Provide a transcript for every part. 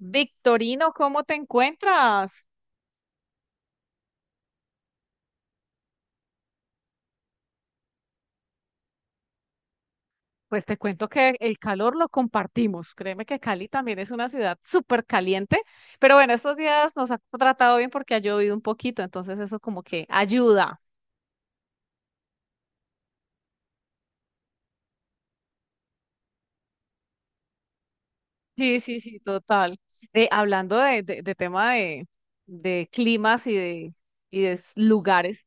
Victorino, ¿cómo te encuentras? Pues te cuento que el calor lo compartimos. Créeme que Cali también es una ciudad súper caliente, pero bueno, estos días nos ha tratado bien porque ha llovido un poquito, entonces eso como que ayuda. Sí, sí, sí, total. Hablando de tema de climas y de lugares,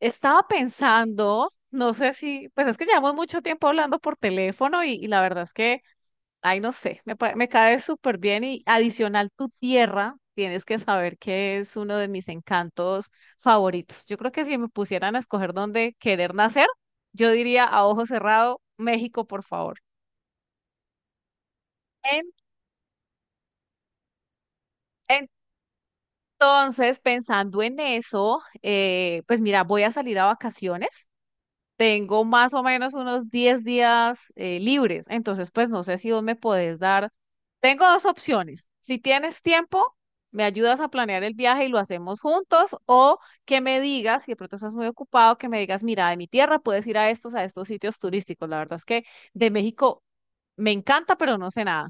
estaba pensando, no sé si, pues es que llevamos mucho tiempo hablando por teléfono y la verdad es que... Ay, no sé, me cae súper bien y adicional tu tierra, tienes que saber que es uno de mis encantos favoritos. Yo creo que si me pusieran a escoger dónde querer nacer, yo diría a ojo cerrado, México, por favor. En- entonces, pensando en eso, pues mira, voy a salir a vacaciones. Tengo más o menos unos 10 días libres, entonces pues no sé si vos me podés dar. Tengo dos opciones. Si tienes tiempo, me ayudas a planear el viaje y lo hacemos juntos, o que me digas, si de pronto estás muy ocupado, que me digas, mira, de mi tierra puedes ir a estos sitios turísticos. La verdad es que de México me encanta, pero no sé nada.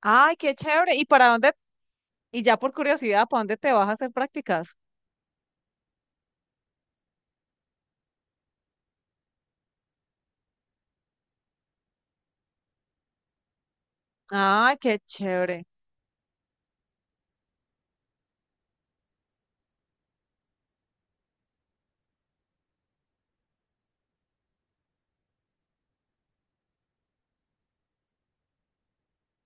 Ay, qué chévere. ¿Y para dónde? Y ya por curiosidad, ¿para dónde te vas a hacer prácticas? Ay, qué chévere.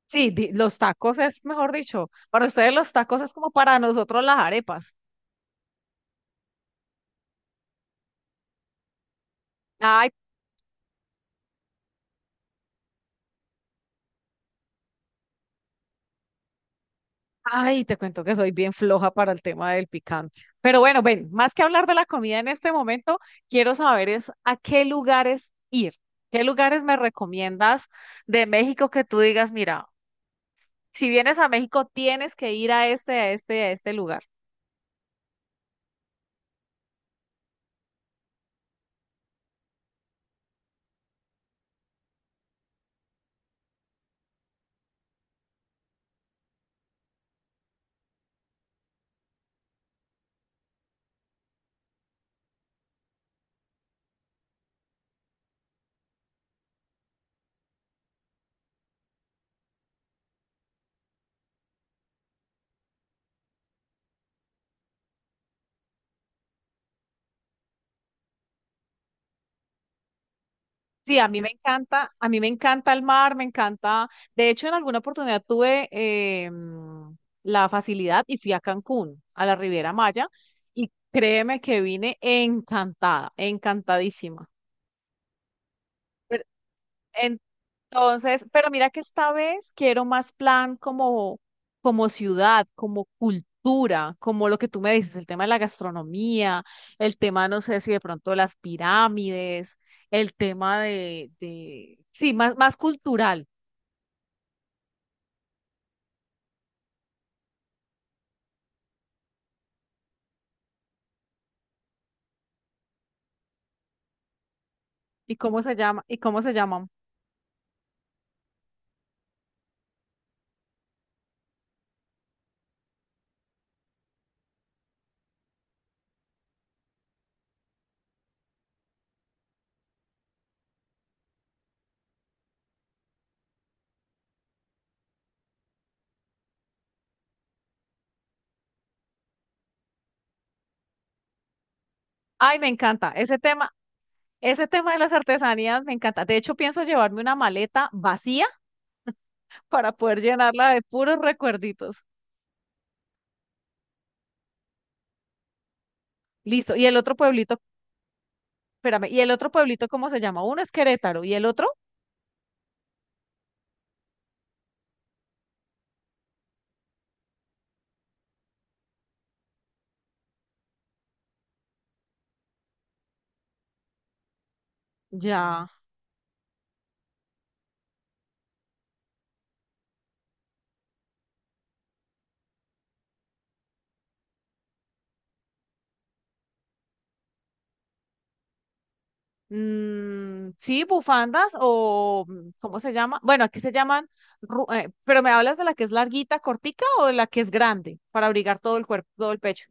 Sí, los tacos es, mejor dicho, para ustedes los tacos es como para nosotros las arepas. Ay, ay, te cuento que soy bien floja para el tema del picante. Pero bueno, ven, más que hablar de la comida en este momento, quiero saber es a qué lugares ir. ¿Qué lugares me recomiendas de México que tú digas, mira, si vienes a México tienes que ir a este, a este, a este lugar? Sí, a mí me encanta, a mí me encanta el mar, me encanta. De hecho, en alguna oportunidad tuve la facilidad y fui a Cancún, a la Riviera Maya, y créeme que vine encantada, encantadísima. Pero, en- entonces, pero mira que esta vez quiero más plan como, como ciudad, como cultura, como lo que tú me dices, el tema de la gastronomía, el tema, no sé si de pronto las pirámides, el tema sí, más, más cultural. ¿Y cómo se llama? ¿Y cómo se llaman? Ay, me encanta ese tema. Ese tema de las artesanías me encanta. De hecho, pienso llevarme una maleta vacía para poder llenarla de puros recuerditos. Listo. ¿Y el otro pueblito? Espérame, ¿y el otro pueblito cómo se llama? Uno es Querétaro y el otro ya. Mm, sí, bufandas o mm, ¿cómo se llama? Bueno, aquí se llaman, pero me hablas de la que es larguita, cortica, o de la que es grande para abrigar todo el cuerpo, todo el pecho.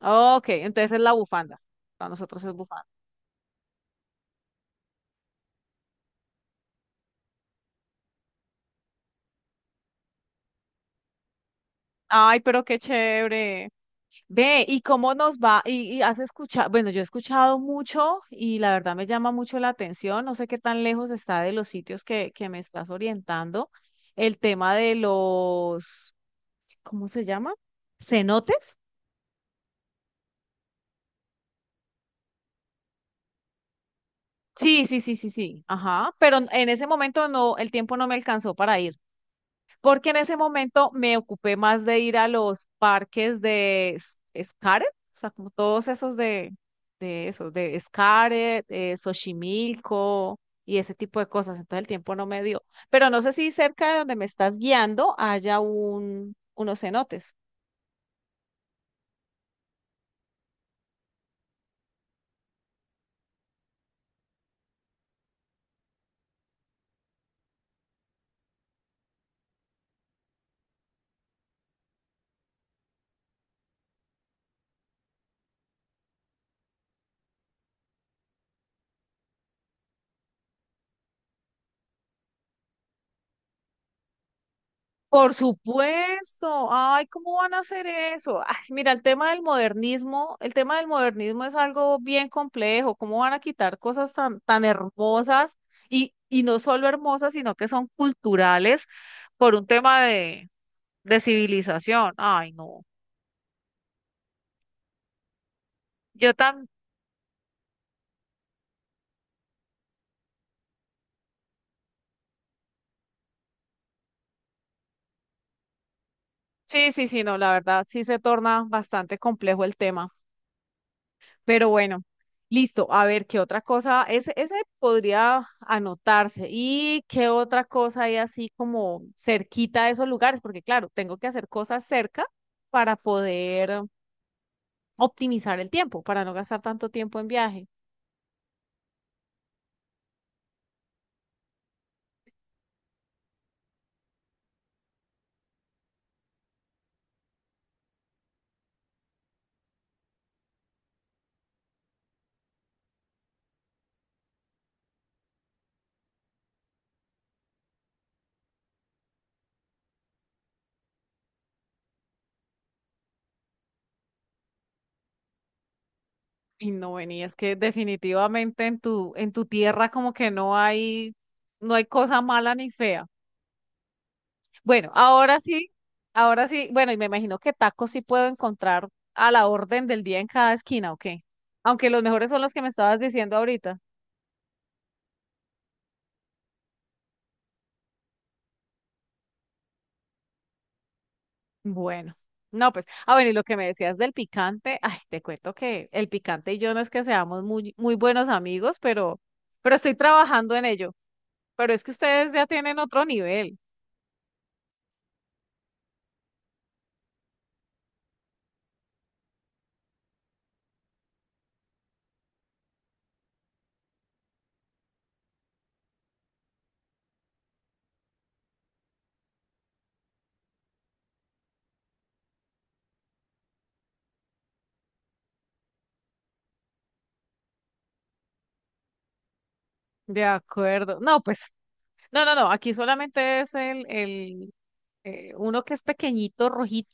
Ok, entonces es la bufanda. Para nosotros es bufanda. Ay, pero qué chévere. Ve, ¿y cómo nos va? Y has escuchado? Bueno, yo he escuchado mucho y la verdad me llama mucho la atención. No sé qué tan lejos está de los sitios que me estás orientando. El tema de los, ¿cómo se llama? ¿Cenotes? Sí, sí, sí, sí, sí. Ajá. Pero en ese momento no, el tiempo no me alcanzó para ir, porque en ese momento me ocupé más de ir a los parques de Xcaret, o sea, como todos esos de esos, de Xcaret, Xochimilco y ese tipo de cosas, entonces el tiempo no me dio. Pero no sé si cerca de donde me estás guiando haya unos cenotes. Por supuesto. Ay, ¿cómo van a hacer eso? Ay, mira, el tema del modernismo, el tema del modernismo es algo bien complejo. ¿Cómo van a quitar cosas tan, tan hermosas y no solo hermosas, sino que son culturales por un tema de civilización? Ay, no. Yo tan, sí, sí, sí, no, la verdad, sí se torna bastante complejo el tema. Pero bueno, listo. A ver, ¿qué otra cosa? Ese podría anotarse. ¿Y qué otra cosa hay así como cerquita de esos lugares? Porque claro, tengo que hacer cosas cerca para poder optimizar el tiempo, para no gastar tanto tiempo en viaje. Y no, ven, y es que definitivamente en tu tierra como que no hay, no hay cosa mala ni fea. Bueno, ahora sí, bueno, y me imagino que tacos sí puedo encontrar a la orden del día en cada esquina, o qué. Aunque los mejores son los que me estabas diciendo ahorita. Bueno, no, pues, ah, bueno, y lo que me decías del picante, ay, te cuento que el picante y yo no es que seamos muy, muy buenos amigos, pero estoy trabajando en ello. Pero es que ustedes ya tienen otro nivel. De acuerdo. No, pues, no, no, no, aquí solamente es el, uno que es pequeñito, rojito.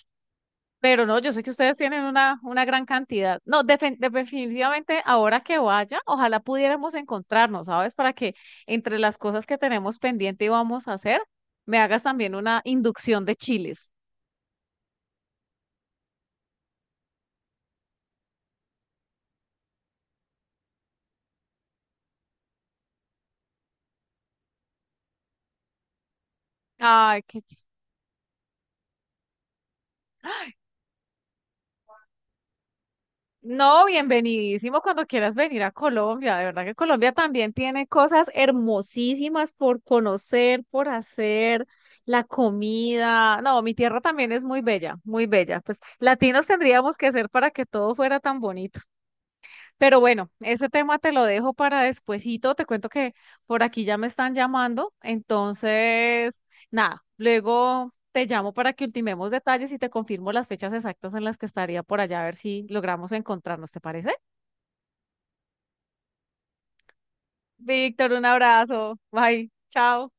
Pero no, yo sé que ustedes tienen una gran cantidad. No, definitivamente ahora que vaya, ojalá pudiéramos encontrarnos, ¿sabes? Para que entre las cosas que tenemos pendiente y vamos a hacer, me hagas también una inducción de chiles. Ay, no, bienvenidísimo cuando quieras venir a Colombia. De verdad que Colombia también tiene cosas hermosísimas por conocer, por hacer, la comida. No, mi tierra también es muy bella, muy bella. Pues latinos tendríamos que ser para que todo fuera tan bonito. Pero bueno, ese tema te lo dejo para despuesito. Te cuento que por aquí ya me están llamando. Entonces, nada, luego te llamo para que ultimemos detalles y te confirmo las fechas exactas en las que estaría por allá, a ver si logramos encontrarnos, ¿te parece? Víctor, un abrazo. Bye. Chao.